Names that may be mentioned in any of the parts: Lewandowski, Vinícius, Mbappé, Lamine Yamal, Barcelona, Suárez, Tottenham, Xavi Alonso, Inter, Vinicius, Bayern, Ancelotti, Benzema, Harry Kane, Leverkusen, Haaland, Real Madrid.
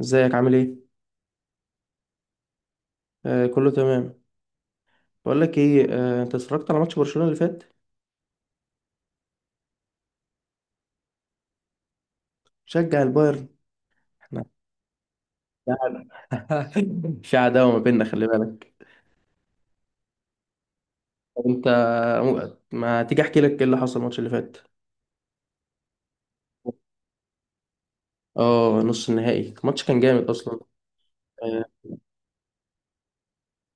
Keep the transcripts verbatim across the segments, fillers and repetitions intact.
ازيك عامل ايه؟ آه كله تمام. بقول لك ايه، آه انت اتفرجت على ماتش برشلونة اللي فات؟ شجع البايرن. احنا في عداوة ما بيننا، خلي بالك. طب انت، ما تيجي احكي لك ايه اللي حصل الماتش اللي فات. اه، نص النهائي، الماتش كان جامد اصلا. آه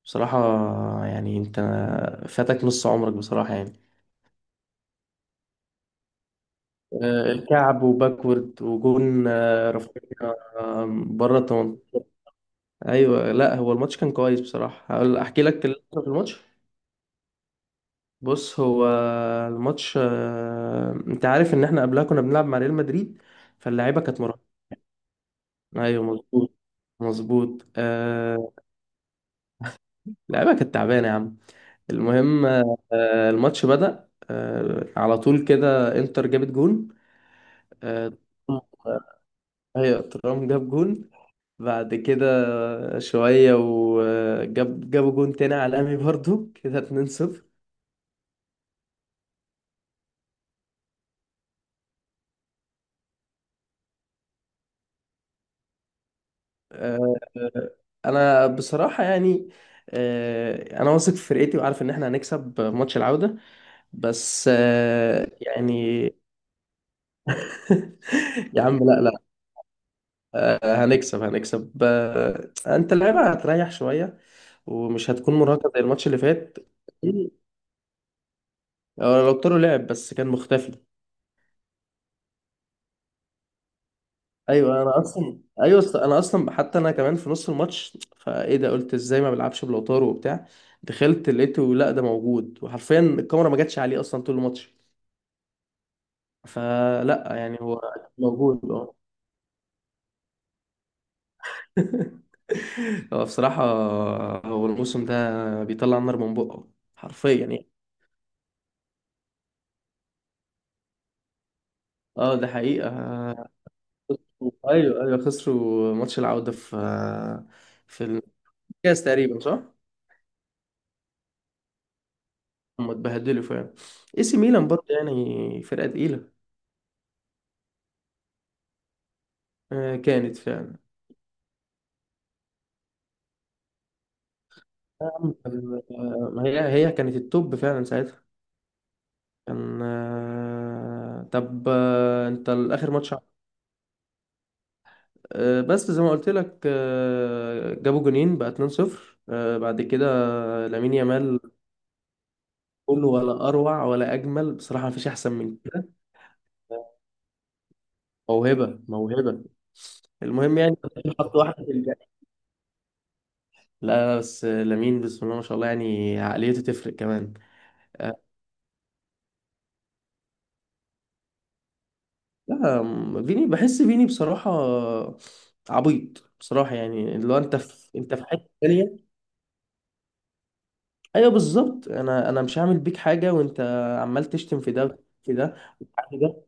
بصراحة يعني، انت فاتك نص عمرك بصراحة يعني. آه كعب وباكورد وجون، آه رافينيا، آه بره ثمانية عشر. ايوه، لا هو الماتش كان كويس بصراحة، هقول- احكي لك اللي حصل في الماتش. بص هو الماتش، آه، انت عارف ان احنا قبلها كنا بنلعب مع ريال مدريد فاللعيبه كانت مرهقه. ايوه مظبوط. مظبوط آه، اللعيبه كانت تعبانه يا عم. المهم، آه، الماتش بدأ، آه، على طول كده انتر جابت جون. آه، هي ترام جاب جون. بعد كده شويه وجاب جابوا جون تاني على الامي برضو كده اتنين صفر. آه، آه، آه، انا بصراحه يعني، آه، انا واثق في فرقتي وعارف ان احنا هنكسب ماتش العوده، بس آه، يعني. يا عم لا لا، آه، هنكسب هنكسب، آه، انت اللعيبه هتريح شويه ومش هتكون مرهقه زي الماتش اللي فات. هو لو طاروا لعب بس كان مختفي. ايوه انا اصلا ايوه أصلا- انا اصلا حتى انا كمان في نص الماتش فايه ده قلت ازاي ما بيلعبش بلوتارو وبتاع. دخلت لقيته لا ده موجود، وحرفيا الكاميرا ما جاتش عليه اصلا طول الماتش. فلا يعني هو موجود اه. هو بصراحة هو الموسم ده بيطلع النار من بقه حرفيا يعني. اه ده حقيقة. ايوه، ايوه، خسروا ماتش العودة في في الكاس تقريبا، صح؟ هم اتبهدلوا فعلا. اي سي ميلان برضه يعني فرقة تقيلة. آه، كانت فعلا. نعم. آه، هي هي كانت التوب فعلا ساعتها. كان آه، طب آه، انت الاخر ماتش ع- آه، بس زي ما قلت لك، آه، جابوا جونين بقى اثنين صفر، آه، بعد كده لامين يامال، كله ولا اروع ولا اجمل بصراحه، مفيش احسن من كده. موهبه موهبه. المهم يعني، حط واحده في الجنة. لا لا، بس لامين بسم الله ما شاء الله يعني عقليته تفرق كمان. لا، فيني بحس فيني بصراحة عبيط بصراحة، يعني اللي هو انت في انت في حتة تانية. ايوه بالظبط، انا انا مش هعمل بيك حاجة، وانت عمال تشتم في ده، في ده، في ده.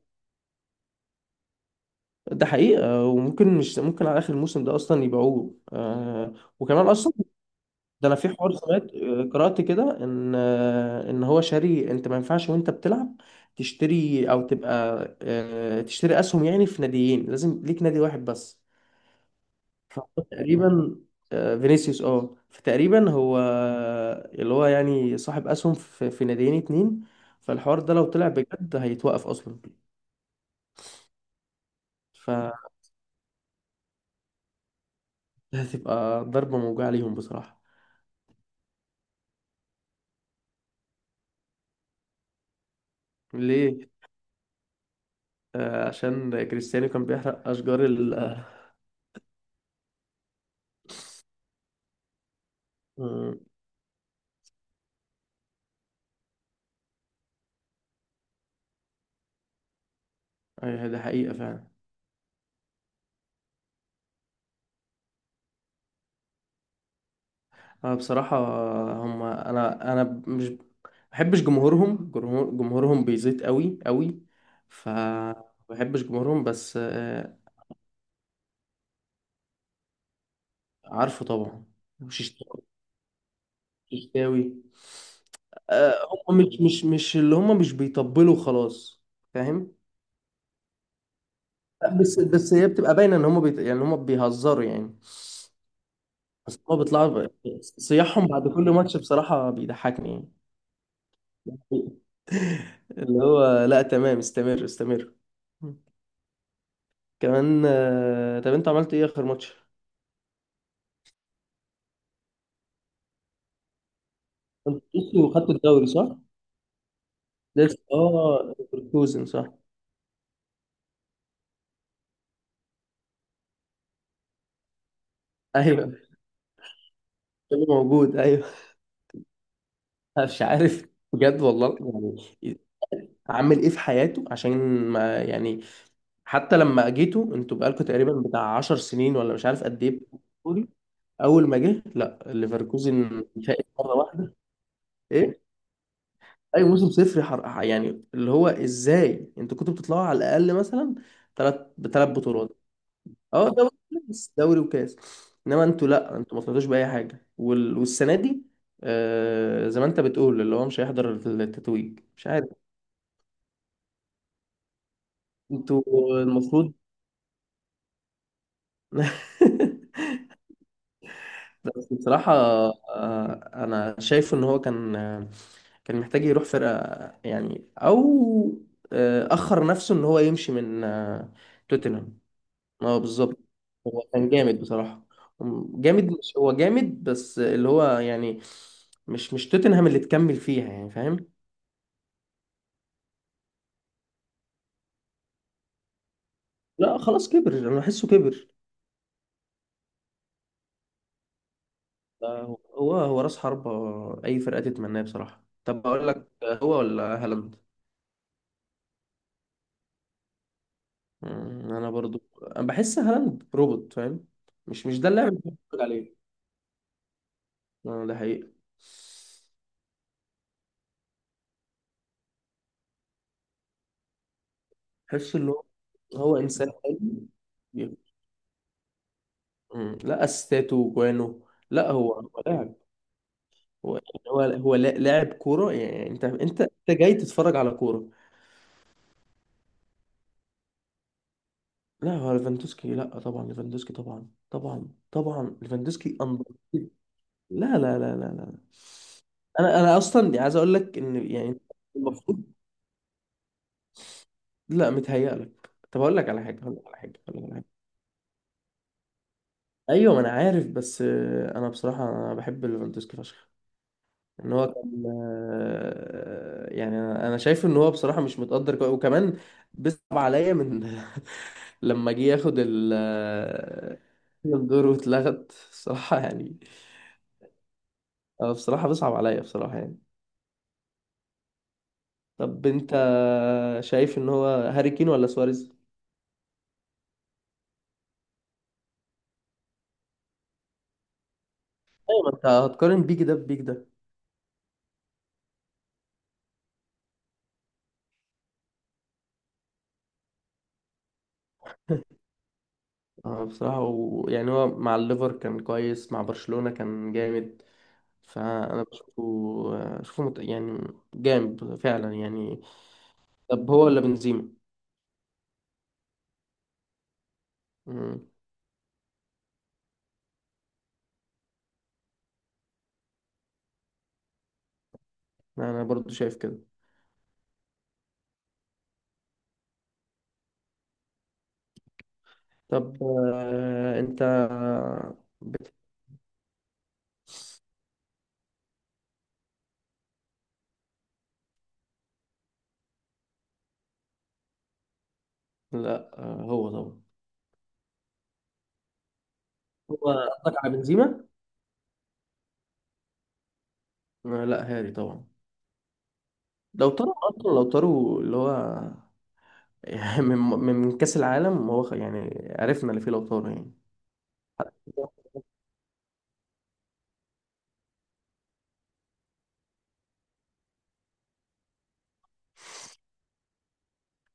ده حقيقة، وممكن مش ممكن على اخر الموسم ده اصلا يبيعوه آه. وكمان اصلا، ده انا في حوار سمعت، آه، قرأت كده ان آه ان هو شاري. انت ما ينفعش وانت بتلعب تشتري او تبقى. آه تشتري اسهم يعني في ناديين، لازم ليك نادي واحد بس. فتقريبا، آه، فينيسيوس اه، فتقريبا هو اللي هو يعني صاحب اسهم في في ناديين اتنين. فالحوار ده لو طلع بجد هيتوقف اصلا. فهتبقى ضربة موجعة ليهم بصراحة. ليه؟ آه، عشان كريستيانو كان بيحرق اشجار ال آه، أيوة، ده حقيقة فعلا. انا بصراحة، هم انا انا مش بحبش جمهورهم، جمهور- جمهورهم بيزيد قوي قوي. ف بحبش جمهورهم بس آه، عارفه طبعا، وششتاوي. ششتاوي. آه، هم مش مش مش اللي هم مش بيطبلوا خلاص، فاهم. لا، بس بس هي بتبقى باينه ان هم بيت... يعني هم بيهزروا يعني. بس هم بيطلعوا ب- صياحهم بعد كل ماتش بصراحه بيضحكني يعني. اللي هو لا تمام، استمر استمر. كمان آه، طب انت عملت ايه اخر ماتش؟ انت لسه وخدت الدوري، صح؟ لسه اه، ليفركوزن صح؟ ايوه كله موجود ايوه. مش عارف، بجد والله يعني، عامل ايه في حياته عشان ما يعني، حتى لما جيتوا انتوا بقالكوا تقريبا بتاع عشر سنين ولا مش عارف قد ايه. بتقول اول ما جه لا ليفركوزن فاق مره واحده. ايه، اي موسم صفر حر... يعني اللي هو ازاي انتوا كنتوا بتطلعوا على الاقل مثلا ثلاث بثلاث بطولات. اه دوري وكاس، دوري وكاس. انما انتوا، لا انتوا ما طلعتوش باي حاجه وال... والسنه دي، آه زي ما انت بتقول اللي هو مش هيحضر التتويج مش عارف. انتوا المفروض. بس بصراحة، آه، أنا شايفه إن هو كان آه، كان محتاج يروح فرقة يعني، أو آه، أخر نفسه إن هو يمشي من آه، توتنهام. أه بالظبط. هو كان جامد بصراحة. جامد، مش هو جامد بس اللي هو يعني مش مش توتنهام اللي تكمل فيها يعني، فاهم. لا خلاص كبر، أنا بحسه كبر. آه، هو هو رأس حربة، أي فرقة تتمناه بصراحة. طب أقول لك، آه، هو ولا هالاند؟ مم، انا برضو أنا بحس هالاند روبوت فاهم. مش مش ده اللاعب اللي أنا بتفرج عليه. اه ده حقيقة. بحس ان هو هو انسان حلو. بي- مم، لا اسيستاته وجوانه. لا هو هو لاعب، هو يعني هو هو لا- لاعب كورة يعني، انت انت انت جاي تتفرج على كورة. لا هو ليفاندوسكي، لا طبعا ليفاندوسكي، طبعا طبعا طبعا ليفاندوسكي أندر. لا لا لا لا لا. انا انا اصلا يعني عايز اقول لك ان يعني المفروض. لا متهيألك، طب أقول لك على حاجة، أقول لك على حاجة، أقول لك على حاجة. أيوة ما أنا عارف، بس آه، أنا بصراحة أنا بحب ليفاندوسكي فشخ. إن هو كان آه، يعني أنا أنا شايف إن هو بصراحة مش متقدر كوي. وكمان بيصعب عليا من لما جه ياخد ال آه، الدور واتلغت بصراحة يعني. آه، بصراحة بيصعب عليا بصراحة يعني. طب أنت شايف إن هو هاري كين ولا سواريز؟ أيوة ما أنت هتقارن بيك ده ببيك ده. اه بصراحة، ويعني هو مع الليفر كان كويس، مع برشلونة كان جامد. فأنا بشوفه أشوفه مت... يعني جامد فعلا يعني. طب هو ولا بنزيما؟ مم. أنا برضو شايف كده. طب آه، أنت بت... لا آه، هو طبعا. هو قصدك على بنزيما؟ آه، لا هاري طبعا. لو طاروا أصلا، لو طاروا اللي هو من من كأس العالم هو خ- يعني عرفنا اللي فيه لو طاروا يعني.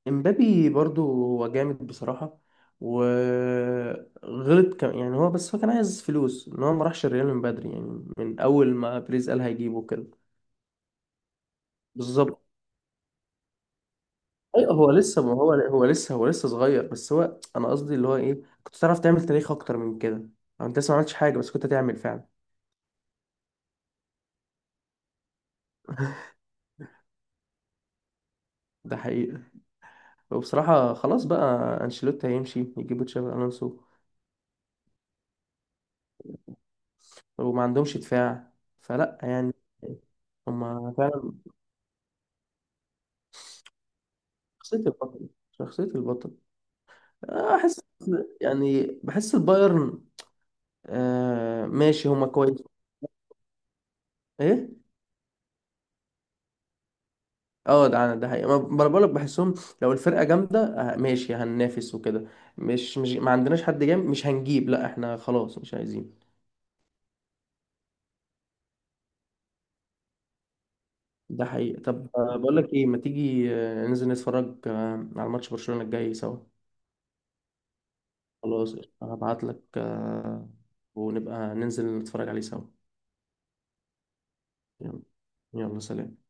امبابي برضو هو جامد بصراحة. وغلط كم يعني هو، بس هو كان عايز فلوس ان هو ما راحش الريال من بدري يعني، من اول ما بريز قال هيجيبه كده. بالظبط. ايوه هو لسه، ما هو هو لسه هو لسه صغير، بس هو انا قصدي اللي هو ايه، كنت تعرف تعمل تاريخ اكتر من كده، او انت لسه ما عملتش حاجة بس كنت تعمل فعلا. ده حقيقي. وبصراحة خلاص بقى، انشيلوتي هيمشي يجيبوا تشابي الونسو وما عندهمش دفاع، فلا يعني. هما فعلا شخصية البطل، شخصية البطل. آه، احس يعني بحس البايرن آه ماشي هما كويس. ايه. اه ده انا ده حقيقة، ما ما انا بقولك بحسهم لو الفرقة جامدة آه ماشي هننافس وكده، مش مش ما عندناش حد جامد مش هنجيب، لا احنا خلاص مش عايزين. ده حقيقة. طب آه بقولك ايه، ما تيجي آه ننزل نتفرج آه على ماتش برشلونة الجاي سوا؟ خلاص، هبعتلك آه، ونبقى ننزل نتفرج عليه سوا. يلا، يلا سلام.